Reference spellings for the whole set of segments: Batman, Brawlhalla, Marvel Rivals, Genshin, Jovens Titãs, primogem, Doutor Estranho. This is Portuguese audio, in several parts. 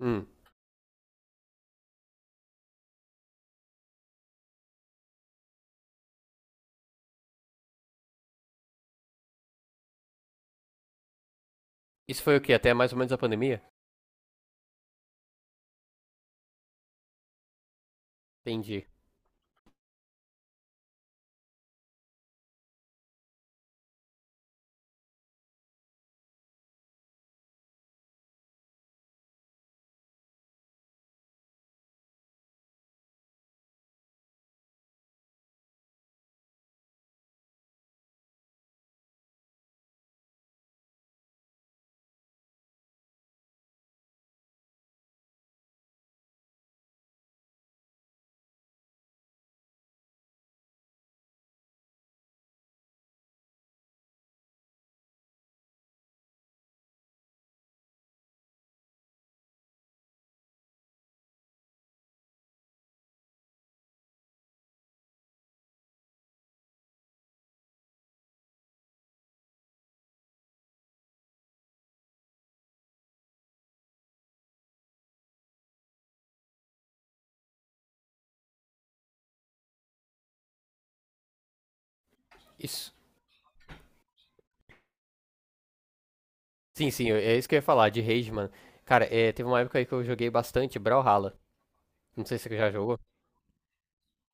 Hum. Isso foi o quê? Até mais ou menos a pandemia? Entendi. Isso. Sim, sim, é isso que eu ia falar, de rage, mano. Cara, teve uma época aí que eu joguei bastante Brawlhalla. Não sei se você já jogou.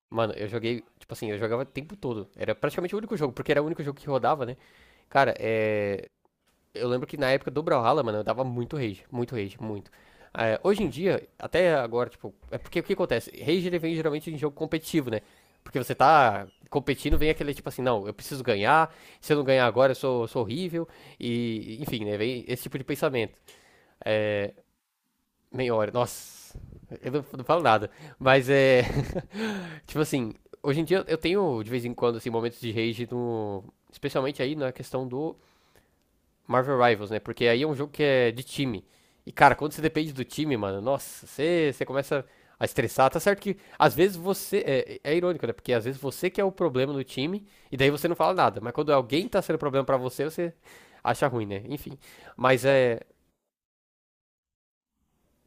Mano, eu joguei, tipo assim, eu jogava o tempo todo. Era praticamente o único jogo, porque era o único jogo que rodava, né? Cara, eu lembro que na época do Brawlhalla, mano, eu dava muito rage, muito rage, muito. É, hoje em dia, até agora, tipo, é porque o que acontece? Rage ele vem geralmente em jogo competitivo, né? Porque você tá competindo, vem aquele tipo assim, não, eu preciso ganhar, se eu não ganhar agora eu sou horrível, e enfim, né? Vem esse tipo de pensamento. É, meia hora, nossa, eu não falo nada, mas é. tipo assim, hoje em dia eu tenho de vez em quando, assim, momentos de rage no. Especialmente aí na questão do Marvel Rivals, né? Porque aí é um jogo que é de time. E, cara, quando você depende do time, mano, nossa, você começa a estressar. Tá certo que às vezes você. É irônico, né? Porque às vezes você que é o problema no time, e daí você não fala nada. Mas quando alguém tá sendo problema pra você, você acha ruim, né? Enfim. Mas é.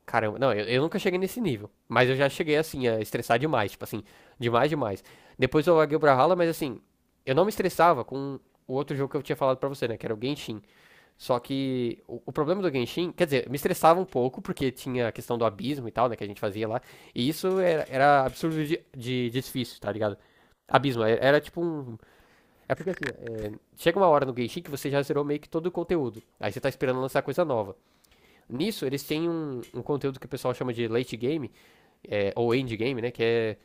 Caramba, não, eu nunca cheguei nesse nível. Mas eu já cheguei, assim, a estressar demais. Tipo assim, demais, demais. Depois eu larguei o Brawlhalla, mas assim, eu não me estressava com o outro jogo que eu tinha falado pra você, né? Que era o Genshin. Só que o problema do Genshin, quer dizer, me estressava um pouco, porque tinha a questão do abismo e tal, né, que a gente fazia lá. E isso era absurdo de difícil, tá ligado? Abismo, era tipo um. É porque assim, chega uma hora no Genshin que você já zerou meio que todo o conteúdo. Aí você tá esperando lançar coisa nova. Nisso, eles têm um conteúdo que o pessoal chama de late game, ou end game, né? Que é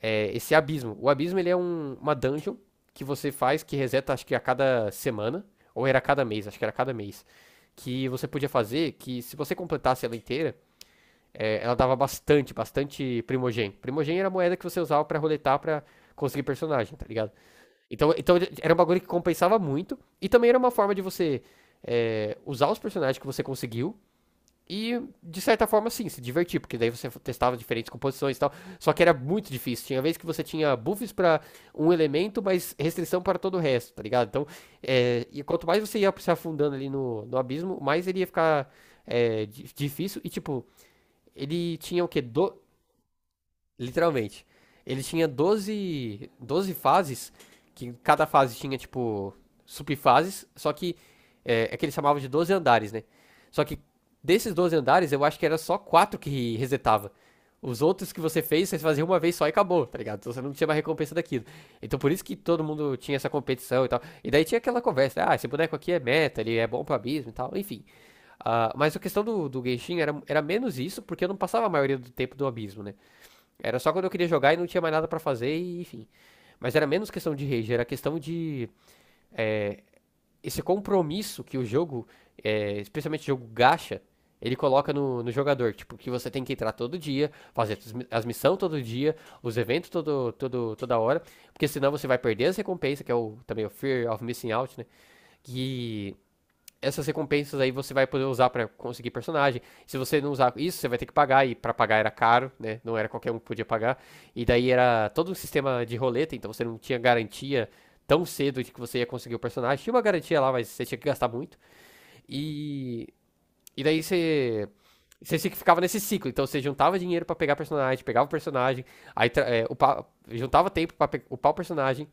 é, esse abismo. O abismo ele é uma dungeon que você faz, que reseta acho que a cada semana, ou era a cada mês, acho que era a cada mês, que você podia fazer, que se você completasse ela inteira, ela dava bastante, bastante primogem. Primogem era a moeda que você usava pra roletar pra conseguir personagem, tá ligado? Então era um bagulho que compensava muito, e também era uma forma de você usar os personagens que você conseguiu e, de certa forma, sim, se divertir, porque daí você testava diferentes composições e tal. Só que era muito difícil. Tinha vez que você tinha buffs para um elemento, mas restrição para todo o resto, tá ligado? Então, e quanto mais você ia se afundando ali no abismo, mais ele ia ficar difícil. E, tipo, ele tinha o quê? Literalmente. Ele tinha doze fases, que cada fase tinha, tipo, subfases, só que é que ele chamava de 12 andares, né? Só que desses 12 andares, eu acho que era só quatro que resetava. Os outros que você fez, você fazia uma vez só e acabou, tá ligado? Então você não tinha mais recompensa daquilo. Então por isso que todo mundo tinha essa competição e tal. E daí tinha aquela conversa, ah, esse boneco aqui é meta, ele é bom pra abismo e tal, enfim. Ah, mas a questão do Genshin era menos isso, porque eu não passava a maioria do tempo do abismo, né? Era só quando eu queria jogar e não tinha mais nada pra fazer, e, enfim. Mas era menos questão de rage, era questão de esse compromisso que o jogo, especialmente o jogo gacha, ele coloca no jogador. Tipo, que você tem que entrar todo dia, fazer as missões todo dia, os eventos todo, todo, toda hora, porque senão você vai perder as recompensas, que é o, também o Fear of Missing Out, né? Que essas recompensas aí você vai poder usar para conseguir personagem. Se você não usar isso, você vai ter que pagar e para pagar era caro, né? Não era qualquer um que podia pagar. E daí era todo um sistema de roleta, então você não tinha garantia tão cedo de que você ia conseguir o personagem. Tinha uma garantia lá, mas você tinha que gastar muito. E e daí você ficava nesse ciclo, então você juntava dinheiro para pegar personagem, pegava o personagem, aí upa, juntava tempo para upar o personagem.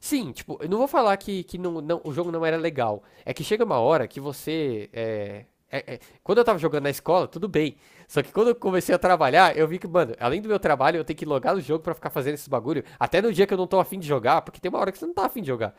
Sim, tipo, eu não vou falar que o jogo não era legal. É que chega uma hora que você. Quando eu tava jogando na escola, tudo bem. Só que quando eu comecei a trabalhar, eu vi que, mano, além do meu trabalho, eu tenho que logar no jogo pra ficar fazendo esses bagulho. Até no dia que eu não tô afim de jogar, porque tem uma hora que você não tá afim de jogar.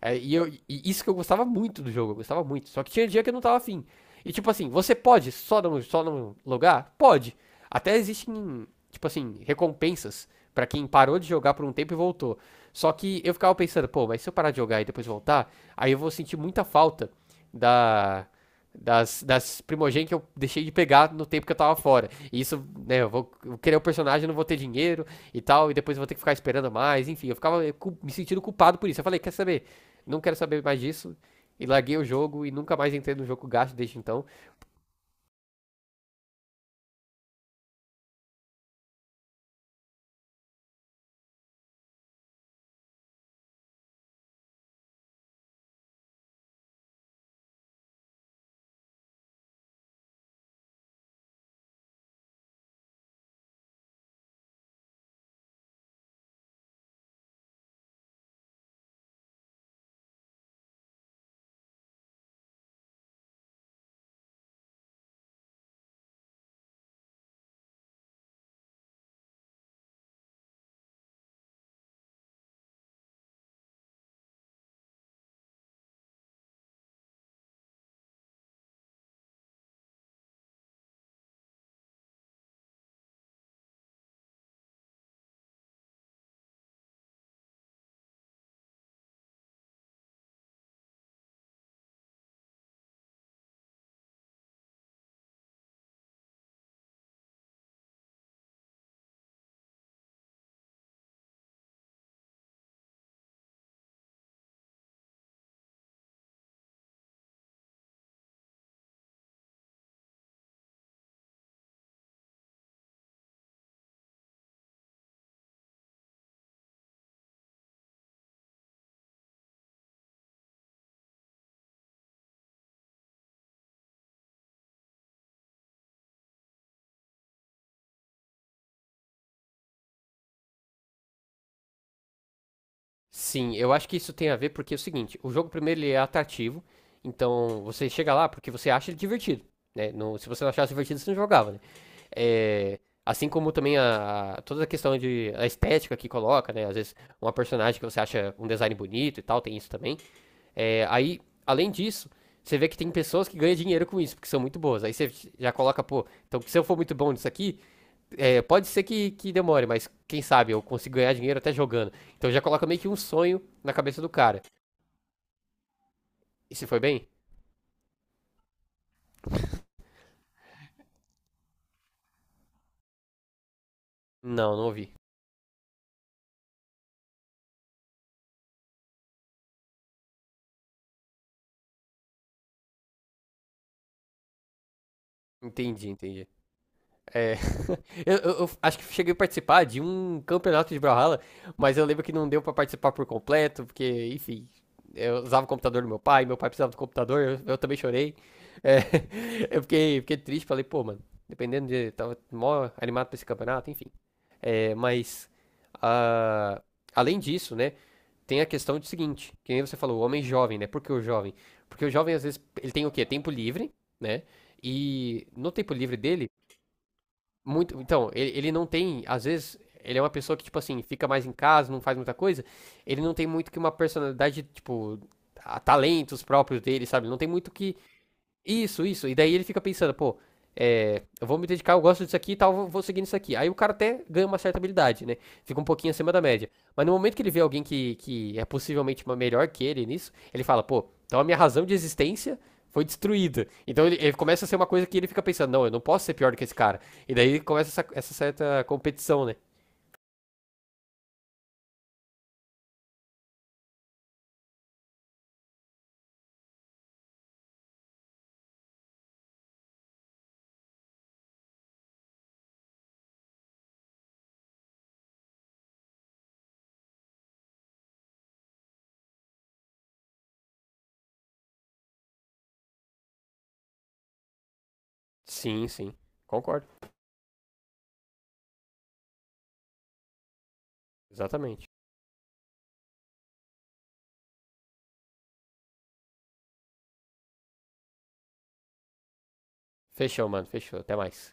E isso que eu gostava muito do jogo, eu gostava muito. Só que tinha dia que eu não tava afim. E tipo assim, você pode só não logar? Pode. Até existem, tipo assim, recompensas pra quem parou de jogar por um tempo e voltou. Só que eu ficava pensando, pô, mas se eu parar de jogar e depois voltar, aí eu vou sentir muita falta da. Das primogênitas que eu deixei de pegar no tempo que eu tava fora. E isso, né, eu querer o personagem, não vou ter dinheiro e tal, e depois eu vou ter que ficar esperando mais, enfim, eu ficava me sentindo culpado por isso. Eu falei, quer saber? Não quero saber mais disso. E larguei o jogo e nunca mais entrei no jogo gasto desde então. Sim, eu acho que isso tem a ver porque é o seguinte, o jogo primeiro ele é atrativo, então você chega lá porque você acha ele divertido, né? Se você não achasse divertido, você não jogava, né? É, assim como também a, toda a questão de a estética que coloca, né? Às vezes uma personagem que você acha um design bonito e tal, tem isso também. É, aí, além disso, você vê que tem pessoas que ganham dinheiro com isso, porque são muito boas. Aí você já coloca, pô, então se eu for muito bom nisso aqui, pode ser que demore, mas quem sabe eu consigo ganhar dinheiro até jogando. Então já coloca meio que um sonho na cabeça do cara. E se foi bem? Não, não ouvi. Entendi, entendi. É, eu acho que cheguei a participar de um campeonato de Brawlhalla, mas eu lembro que não deu pra participar por completo, porque, enfim, eu usava o computador do meu pai precisava do computador, eu também chorei. É, eu fiquei triste, falei, pô, mano, dependendo de. Tava mó animado pra esse campeonato, enfim. É, mas, ah, além disso, né? Tem a questão do seguinte, que nem você falou, o homem jovem, né? Por que o jovem? Porque o jovem, às vezes, ele tem o quê? Tempo livre, né? E no tempo livre dele, muito. Então, ele não tem, às vezes, ele é uma pessoa que, tipo assim, fica mais em casa, não faz muita coisa. Ele não tem muito que uma personalidade, tipo, a talentos próprios dele, sabe? Não tem muito que isso, isso. E daí ele fica pensando, pô, eu vou me dedicar, eu gosto disso aqui e tal, vou seguir nisso aqui. Aí o cara até ganha uma certa habilidade, né? Fica um pouquinho acima da média. Mas no momento que ele vê alguém que é possivelmente uma melhor que ele nisso, ele fala, pô, então a minha razão de existência foi destruída. Então ele começa a ser uma coisa que ele fica pensando, não, eu não posso ser pior do que esse cara. E daí começa essa certa competição, né? Sim, sim. Concordo. Exatamente. Fechou, mano. Fechou. Até mais.